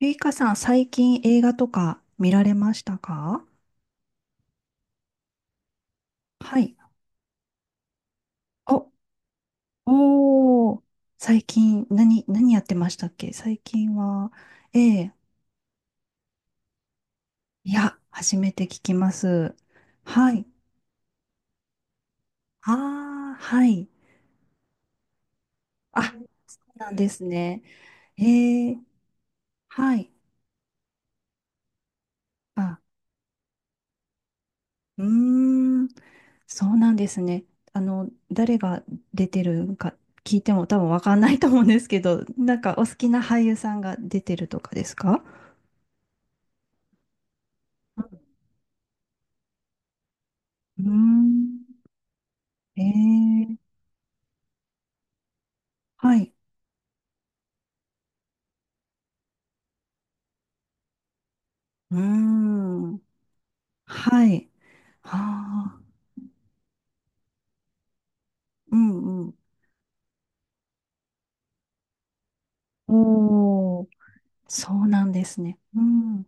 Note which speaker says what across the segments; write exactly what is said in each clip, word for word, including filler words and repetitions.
Speaker 1: ゆいかさん、最近映画とか見られましたか？はい。お、おー、最近、何、何やってましたっけ最近は、ええ、いや、初めて聞きます。はい。ああ、はい。あ、そうなんですね。ええ、はい。あ、うーん、そうなんですね。あの、誰が出てるか聞いても多分わかんないと思うんですけど、なんかお好きな俳優さんが出てるとかですか？うーん。ええはい。うーん。はい。ああ。うんうん。おお、そうなんですね。うん。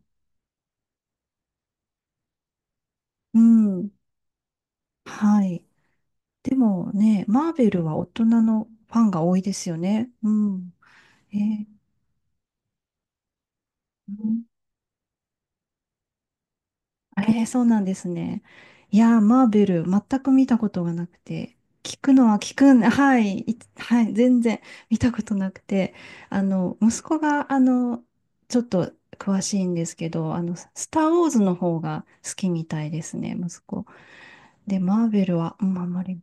Speaker 1: うん。はい。でもね、マーベルは大人のファンが多いですよね。うん。えん、えー、そうなんですね。いやー、マーベル、全く見たことがなくて、聞くのは聞くん、はい、いはい、全然 見たことなくて、あの、息子が、あの、ちょっと詳しいんですけど、あの、スター・ウォーズの方が好きみたいですね、息子。で、マーベルは、うん、あんまり、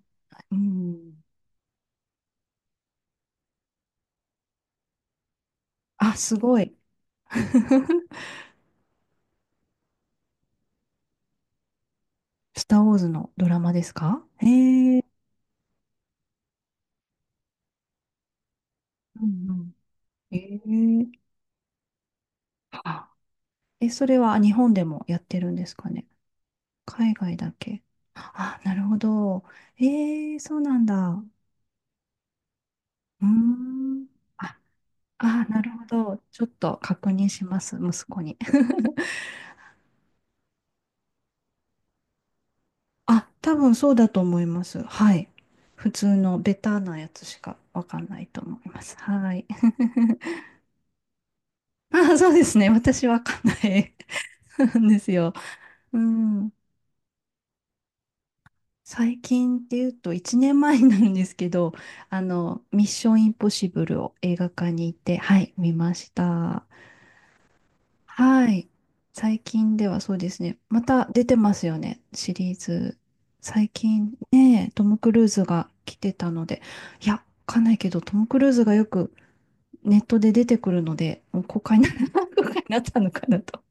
Speaker 1: うん、あ、すごい。スター・ウォーズのドラマですか？へえうんうん、ええ。あ、え、それは日本でもやってるんですかね？海外だけ。あ、なるほど。ええ、そうなんだ。うーん。あ、あ、なるほど。ちょっと確認します、息子に。あ、多分そうだと思います。はい。普通のベターなやつしかわかんないと思います。はい。あ、そうですね。私わかんない んですよ。うん。最近っていうといちねんまえになるんですけど、あの、ミッションインポッシブルを映画館に行って、はい、見ました。はい。最近ではそうですね。また出てますよね、シリーズ。最近ね、トム・クルーズが来てたので、いや、わかんないけど、トム・クルーズがよくネットで出てくるので、もう公開にな、公開になったのかなと。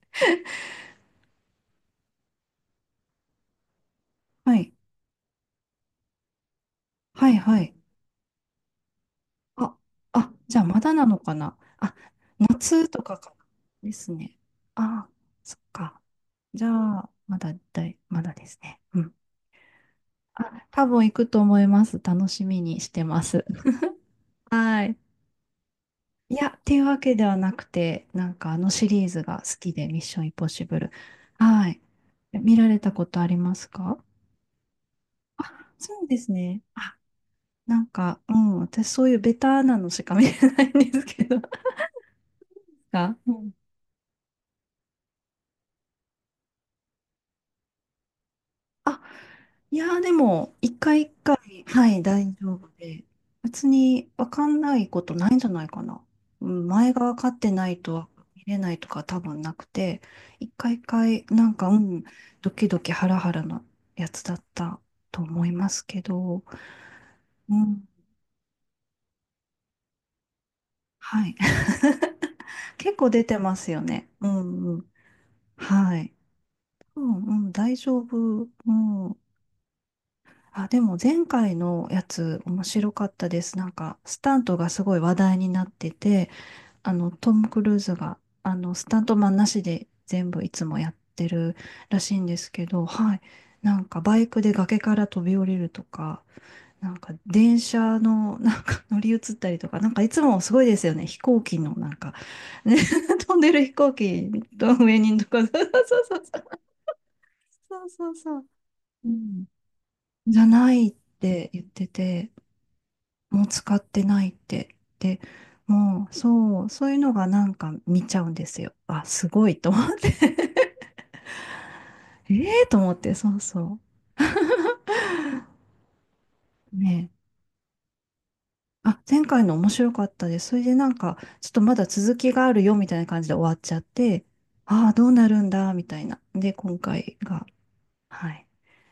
Speaker 1: はい。はい、はい。あ、あ、じゃあまだなのかな。あ、夏とかかな。ですね。あ、そっか。じゃあ、まだだい、まだですね。うん。あ、多分行くと思います。楽しみにしてます。はい。いや、っていうわけではなくて、なんかあのシリーズが好きで、ミッションインポッシブル。はい。見られたことありますか？あ、そうですね。あ、なんか、うん、私そういうベタなのしか見れないんですけど。が、うんあ、いやーでも、一回一回、はい、大丈夫で、別にわかんないことないんじゃないかな。うん前が分かってないと見れないとか多分なくて、一回一回、なんか、うん、ドキドキハラハラなやつだったと思いますけど、うん、はい。結構出てますよね。うんうん。はい。うんうん、大丈夫。うん。あ、でも前回のやつ面白かったです。なんか、スタントがすごい話題になってて、あの、トム・クルーズが、あの、スタントマンなしで全部いつもやってるらしいんですけど、はい。なんか、バイクで崖から飛び降りるとか、なんか、電車の、なんか乗り移ったりとか、なんか、いつもすごいですよね。飛行機の、なんか、ね、飛んでる飛行機の上にとか、そうそうそうそう。そうそうそう。うんじゃないって言ってて、もう使ってないって。で、もう、そう、そういうのがなんか見ちゃうんですよ。あ、すごいと思って。ええと思って、そうそう。ねえ。あ、前回の面白かったです。それでなんか、ちょっとまだ続きがあるよみたいな感じで終わっちゃって、ああ、どうなるんだ、みたいな。で、今回が。はい。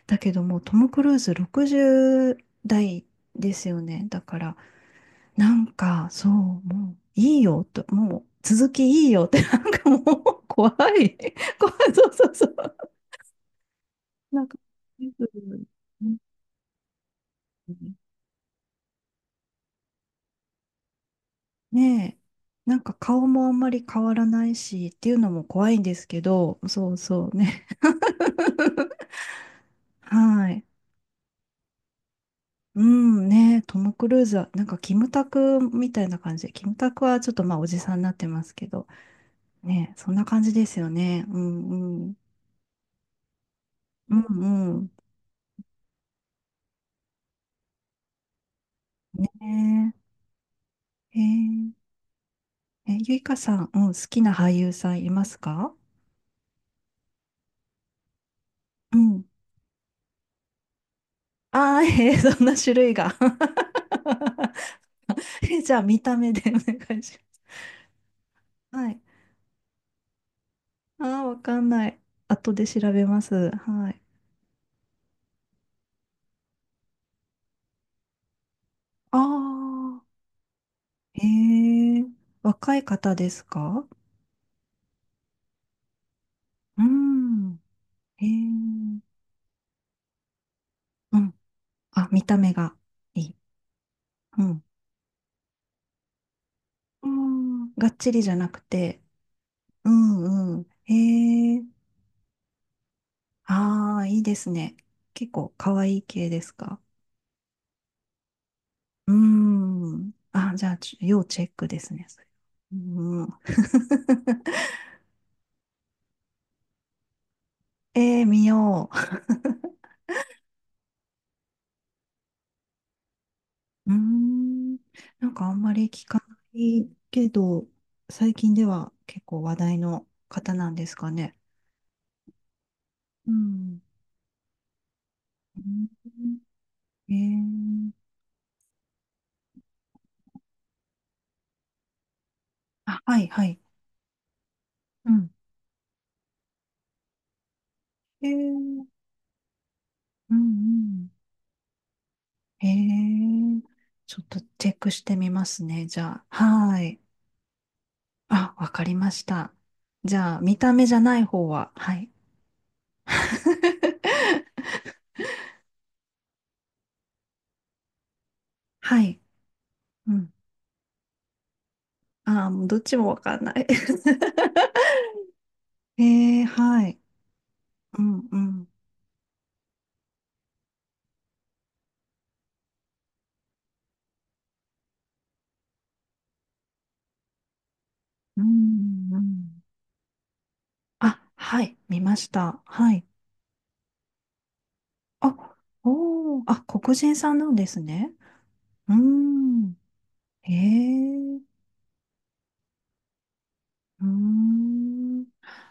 Speaker 1: だけどもう、トム・クルーズろくじゅうだい代ですよね。だから、なんか、そう、もう、いいよと、もう、続きいいよって、なんかもう、怖い。怖い、そうそうそう。なんか、うんねえ、なんか顔もあんまり変わらないし、っていうのも怖いんですけど、そうそうね。はい。うん、ねトム・クルーズは、なんかキムタクみたいな感じで、キムタクはちょっとまあ、おじさんになってますけど、ねそんな感じですよね。うん、うん。うん、うん。ねえ、へええ、ゆいかさん、うん、好きな俳優さんいますか？うん。ああ、えー、そんな種類が。え、じゃあ、見た目でお願いします。はい。ああ、わかんない。後で調べます。はい。ああ、ええ若い方ですか？うん。ええうん。あ、見た目がいい。うん。うん。がっちりじゃなくて、うんうん。ええああ、いいですね。結構可愛い系ですか？うーん。あ、じゃあ、ち要チェックですね、それ。うん。えー、見よう。うーん。なんかあんまり聞かないけど、最近では結構話題の方なんですかね？うん。うんえー、あ、はい、はい。うん。えー、うん、うん。えー、ちょっとチェックしてみますね、じゃあ。はい。あ、わかりました。じゃあ、見た目じゃない方は、はい。はい。うん。ああ、もうどっちもわかんない。ええはい。うんうん。うんうん。あ、はい。見ました。はい。あ、おー。あ、黒人さんなんですね。うーん。へえ。うーん。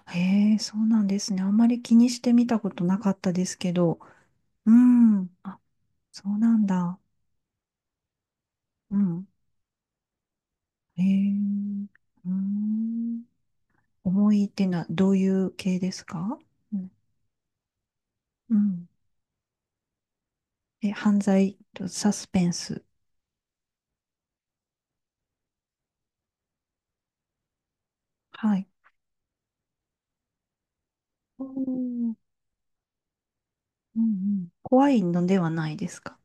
Speaker 1: へえ、そうなんですね。あんまり気にしてみたことなかったですけど。うん。あ、そうなんだ。うん。へえ。うーん。重いっていうのはどういう系ですか？うん。うんえ、犯罪とサスペンス。はい。おーうんうん。怖いのではないですか？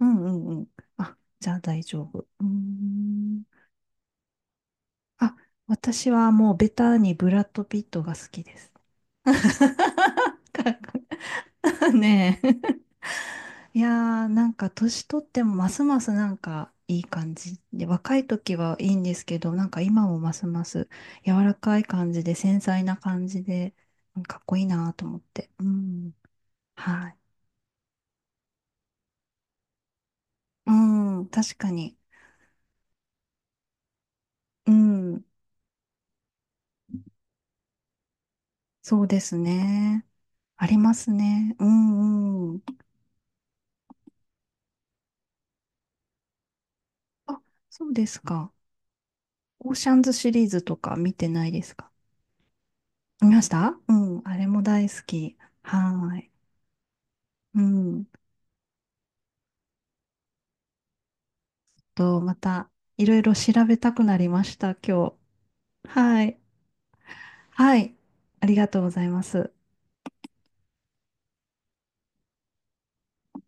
Speaker 1: うんうんうん。あ、じゃあ大丈夫。うーん。あ、私はもうベタにブラッド・ピットが好きです。かっこいいねえ。いやー、なんか年取ってもますますなんかいい感じで、若い時はいいんですけど、なんか今もますます柔らかい感じで、繊細な感じで、かっこいいなと思って。うん。はい。うん、確かに。うん、そうですね。ありますね。うんうん。あ、そうですか。オーシャンズシリーズとか見てないですか？見ましたうん、あれも大好き。はーい。うん。と、またいろいろ調べたくなりました、今日。はい。はい。ありがとうございます。